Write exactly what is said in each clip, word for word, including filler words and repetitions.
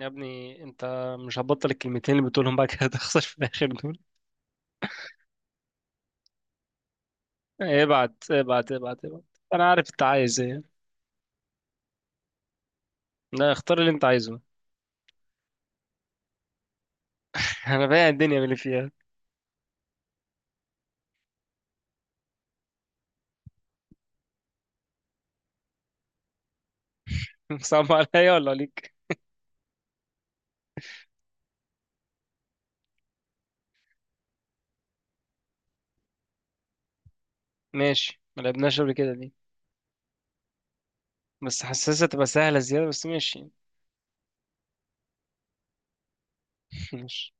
يا ابني انت، مش هتبطل الكلمتين اللي بتقولهم بقى كده تخسر في الاخر دول. ابعت ابعت ابعت ابعت. انا عارف انت عايز ايه. لا، اختار اللي انت عايزه. انا بايع الدنيا باللي فيها. صعب عليا ولا عليك؟ ماشي، ما لعبناش قبل كده دي. بس حاسسها تبقى سهله زياده، بس ماشي. ماشي.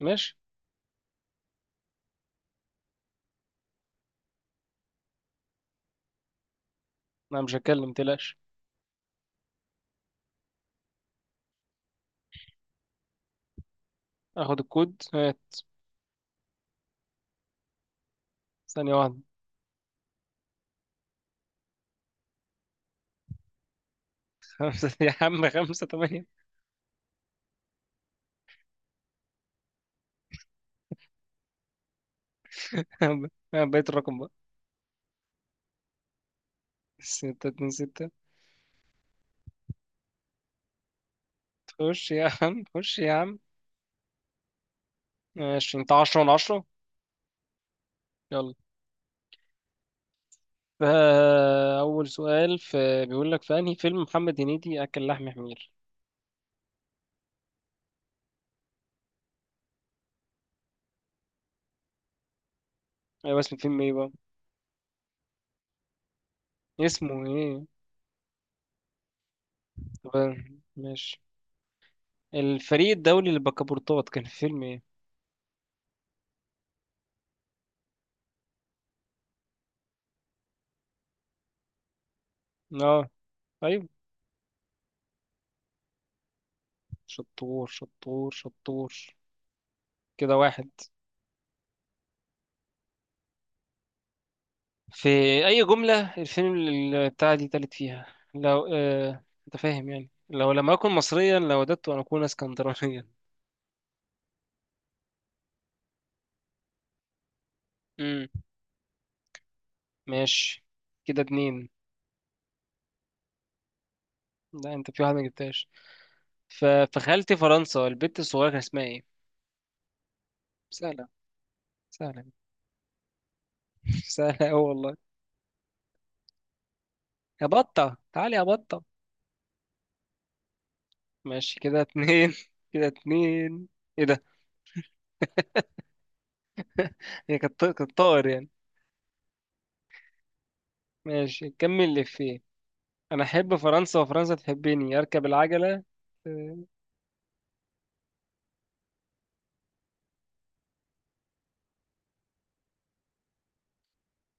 ماشي، انا مش هتكلم تلاش. اخد الكود، هات. ثانيه واحده. خمسة يا عم، خمسة تمانية. بقيت الرقم بقى. ستة اتنين ستة. خش يا عم، خش يا عم. ماشي، انت عشرة من عشرة. يلا. فأول سؤال في بيقول لك في أنهي فيلم محمد هنيدي أكل لحم حمير؟ أيوة، اسم الفيلم إيه بقى؟ اسمه إيه؟ طب ماشي. الفريق الدولي للبكابورتات كان في فيلم إيه؟ آه. أيوة. شطور شطور شطور. كده واحد في. أي جملة الفيلم اللي بتاع دي تالت فيها؟ لو آه... أنت فاهم يعني، لو لم أكن مصريا لوددت أن أكون اسكندرانيا. امم. ماشي كده اتنين. لا، انت في واحد ما جبتهاش. ف... فخالتي فرنسا، البت الصغيرة كان اسمها ايه؟ سهلة. سهلة. سهلة اوي والله. يا بطة، تعالي يا بطة. ماشي كده اتنين. كده اتنين. ايه ده؟ هي كانت ط- كانت طائر يعني. ماشي، كمل اللي فيه. انا احب فرنسا وفرنسا تحبني، اركب العجلة. اه،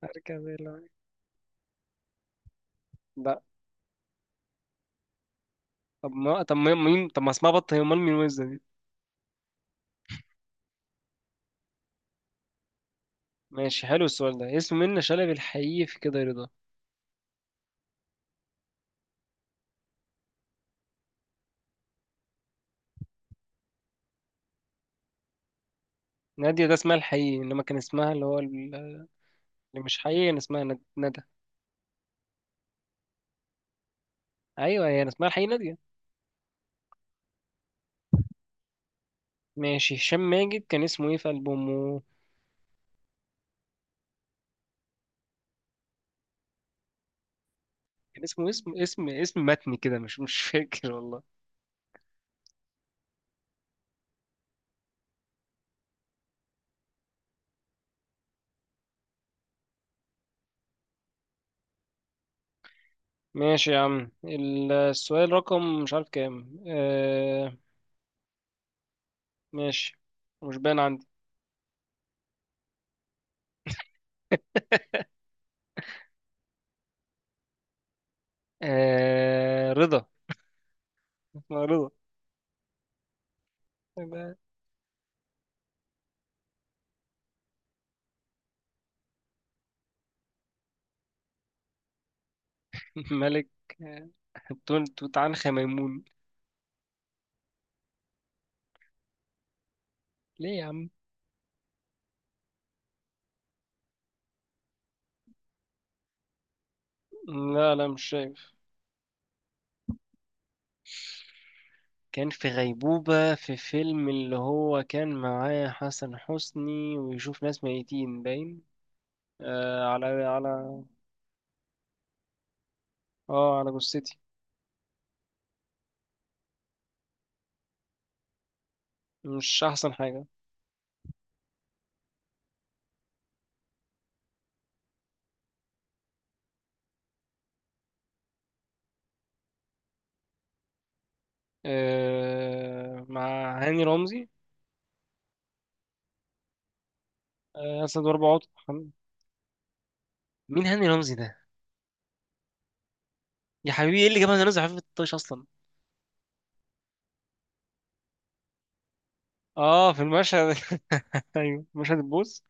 اركب العجلة. لا طب ما طب ما- مين طب ما اسمها بطة، هي امال مين وزة دي؟ ماشي، حلو السؤال ده. اسم منة شلبي الحقيقي في كده رضا. نادية ده اسمها الحقيقي، انما كان اسمها اللي هو اللي مش حقيقي أنا، اسمها ند- ندى. أيوة هي، أنا اسمها الحقيقي نادية. ماشي. هشام ماجد كان اسمه إيه في ألبومه؟ كان اسمه اسم اسم اسم متني كده، مش مش فاكر والله. ماشي يا عم ال- السؤال رقم مش عارف كام، آه. ماشي، مش باين عندي. آه، رضا. اسمها رضا. ملك، آه، توت توت عنخ ميمون. ليه يا عم؟ لا لا، مش شايف. كان في غيبوبة في فيلم اللي هو كان معاه حسن حسني ويشوف ناس ميتين باين. آه على على. اه، على جثتي. مش أحسن حاجة. آه، مع هاني رمزي. آه، أسد وأربع عطل. مين هاني رمزي ده؟ يا حبيبي، إيه اللي جاب هاني رمزي عفيف الطيش أصلا؟ اه، في المشهد. أيوه، مشهد البوس.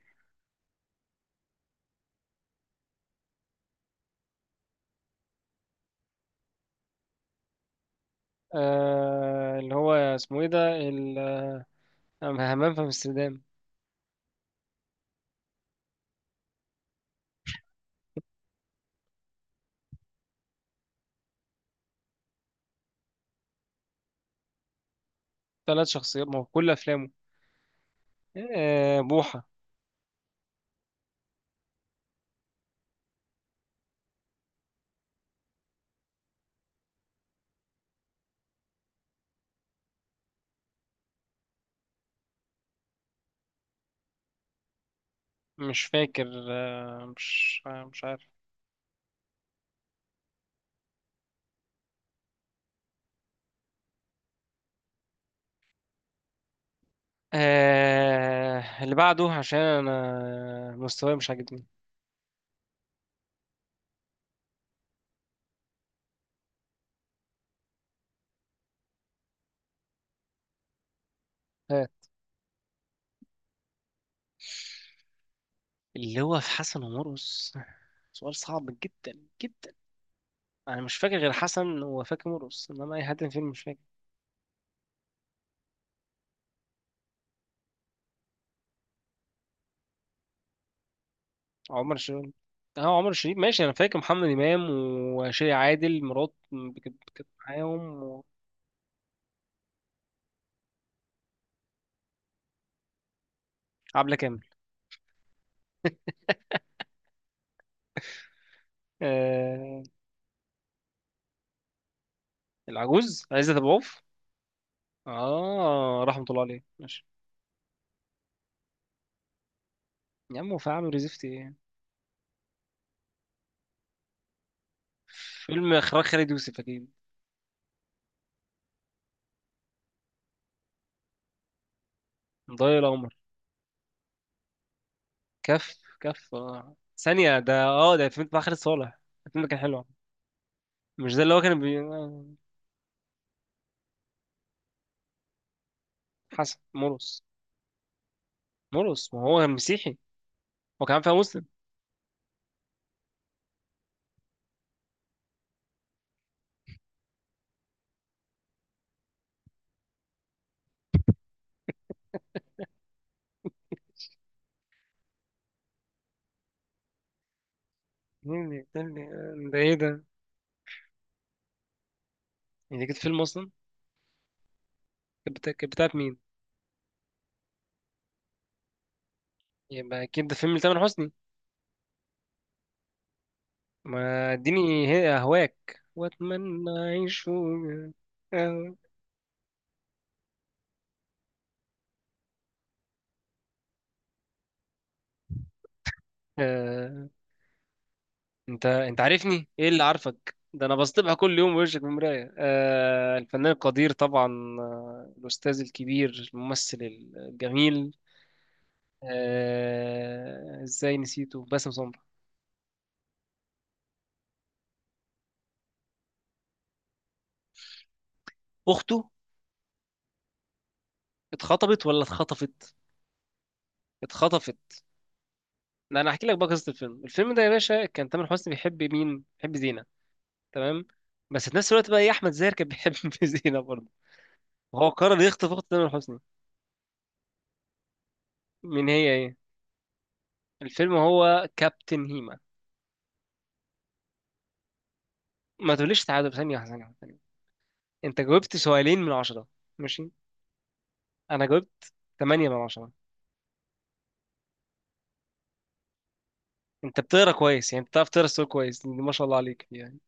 آه، اللي هو اسمه إيه ده؟ ال- همام في أمستردام. ثلاث شخصيات، ما هو كل أفلامه. آه، بوحة. مش فاكر. مش مش عارف. آه اللي بعده، عشان انا مستواي مش عاجبني. ها؟ اللي هو في حسن ومرقص. سؤال صعب جدا جدا. انا مش فاكر غير حسن وفاكر مرقص، انما اي حد في الفيلم مش فاكر. عمر شريف. اه، عمر شريف. ماشي، انا فاكر محمد امام وشيري عادل مرات، كانت كانت معاهم. وعبلة كامل. آه، العجوز عزت ابو عوف. اه، رحمة الله عليه. ماشي يا عم، هو في عامل زفت ايه؟ فيلم اخراج خالد يوسف اكيد. ضايع القمر. كف كف آه. ثانية ده، اه ده فيلم بتاع خالد صالح. الفيلم ده كان حلو. مش ده اللي هو كان بي... آه، حسن مرقص. مرقص، ما هو مسيحي. هو كان فيها مسلم. مين اللي- ده اللي- ده ايه ده؟ يعني كانت فيلم اصلا؟ كانت بتا- كانت بتاعت مين؟ يبقى اكيد ده فيلم لتامر حسني. ما اديني هي- اهواك واتمنى اعيش في- آه. آه، انت انت عارفني ايه اللي عارفك ده، انا بصطبح كل يوم بوشك في المرايه. آه، الفنان القدير طبعا. آه، الاستاذ الكبير، الممثل الجميل. آه، ازاي نسيته؟ باسم سمرة. اخته اتخطبت ولا اتخطفت؟ اتخطفت. لا، انا هحكي لك بقى قصه الفيلم. الفيلم ده يا باشا كان تامر حسني بيحب مين؟ بيحب زينه. تمام. بس في نفس الوقت بقى ايه، احمد زاهر كان بيحب زينه برضه. وهو قرر يخطف اخت تامر حسني. مين هي ايه. الفيلم هو كابتن هيما. ما تقوليش تعادل. ثانية واحدة، ثانية واحدة، ثانية واحدة. أنت جاوبت سؤالين من عشرة، ماشي. أنا جاوبت تمانية من عشرة. أنت بتقرا كويس يعني، بتعرف تقرا السؤال كويس دي، ما شاء الله عليك يعني.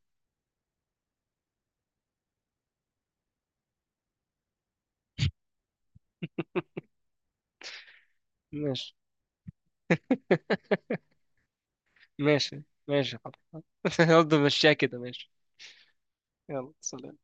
ماشي. ماشي. ماشي يا حبيبي. برضه مشيها كده، ماشي. يلا سلام.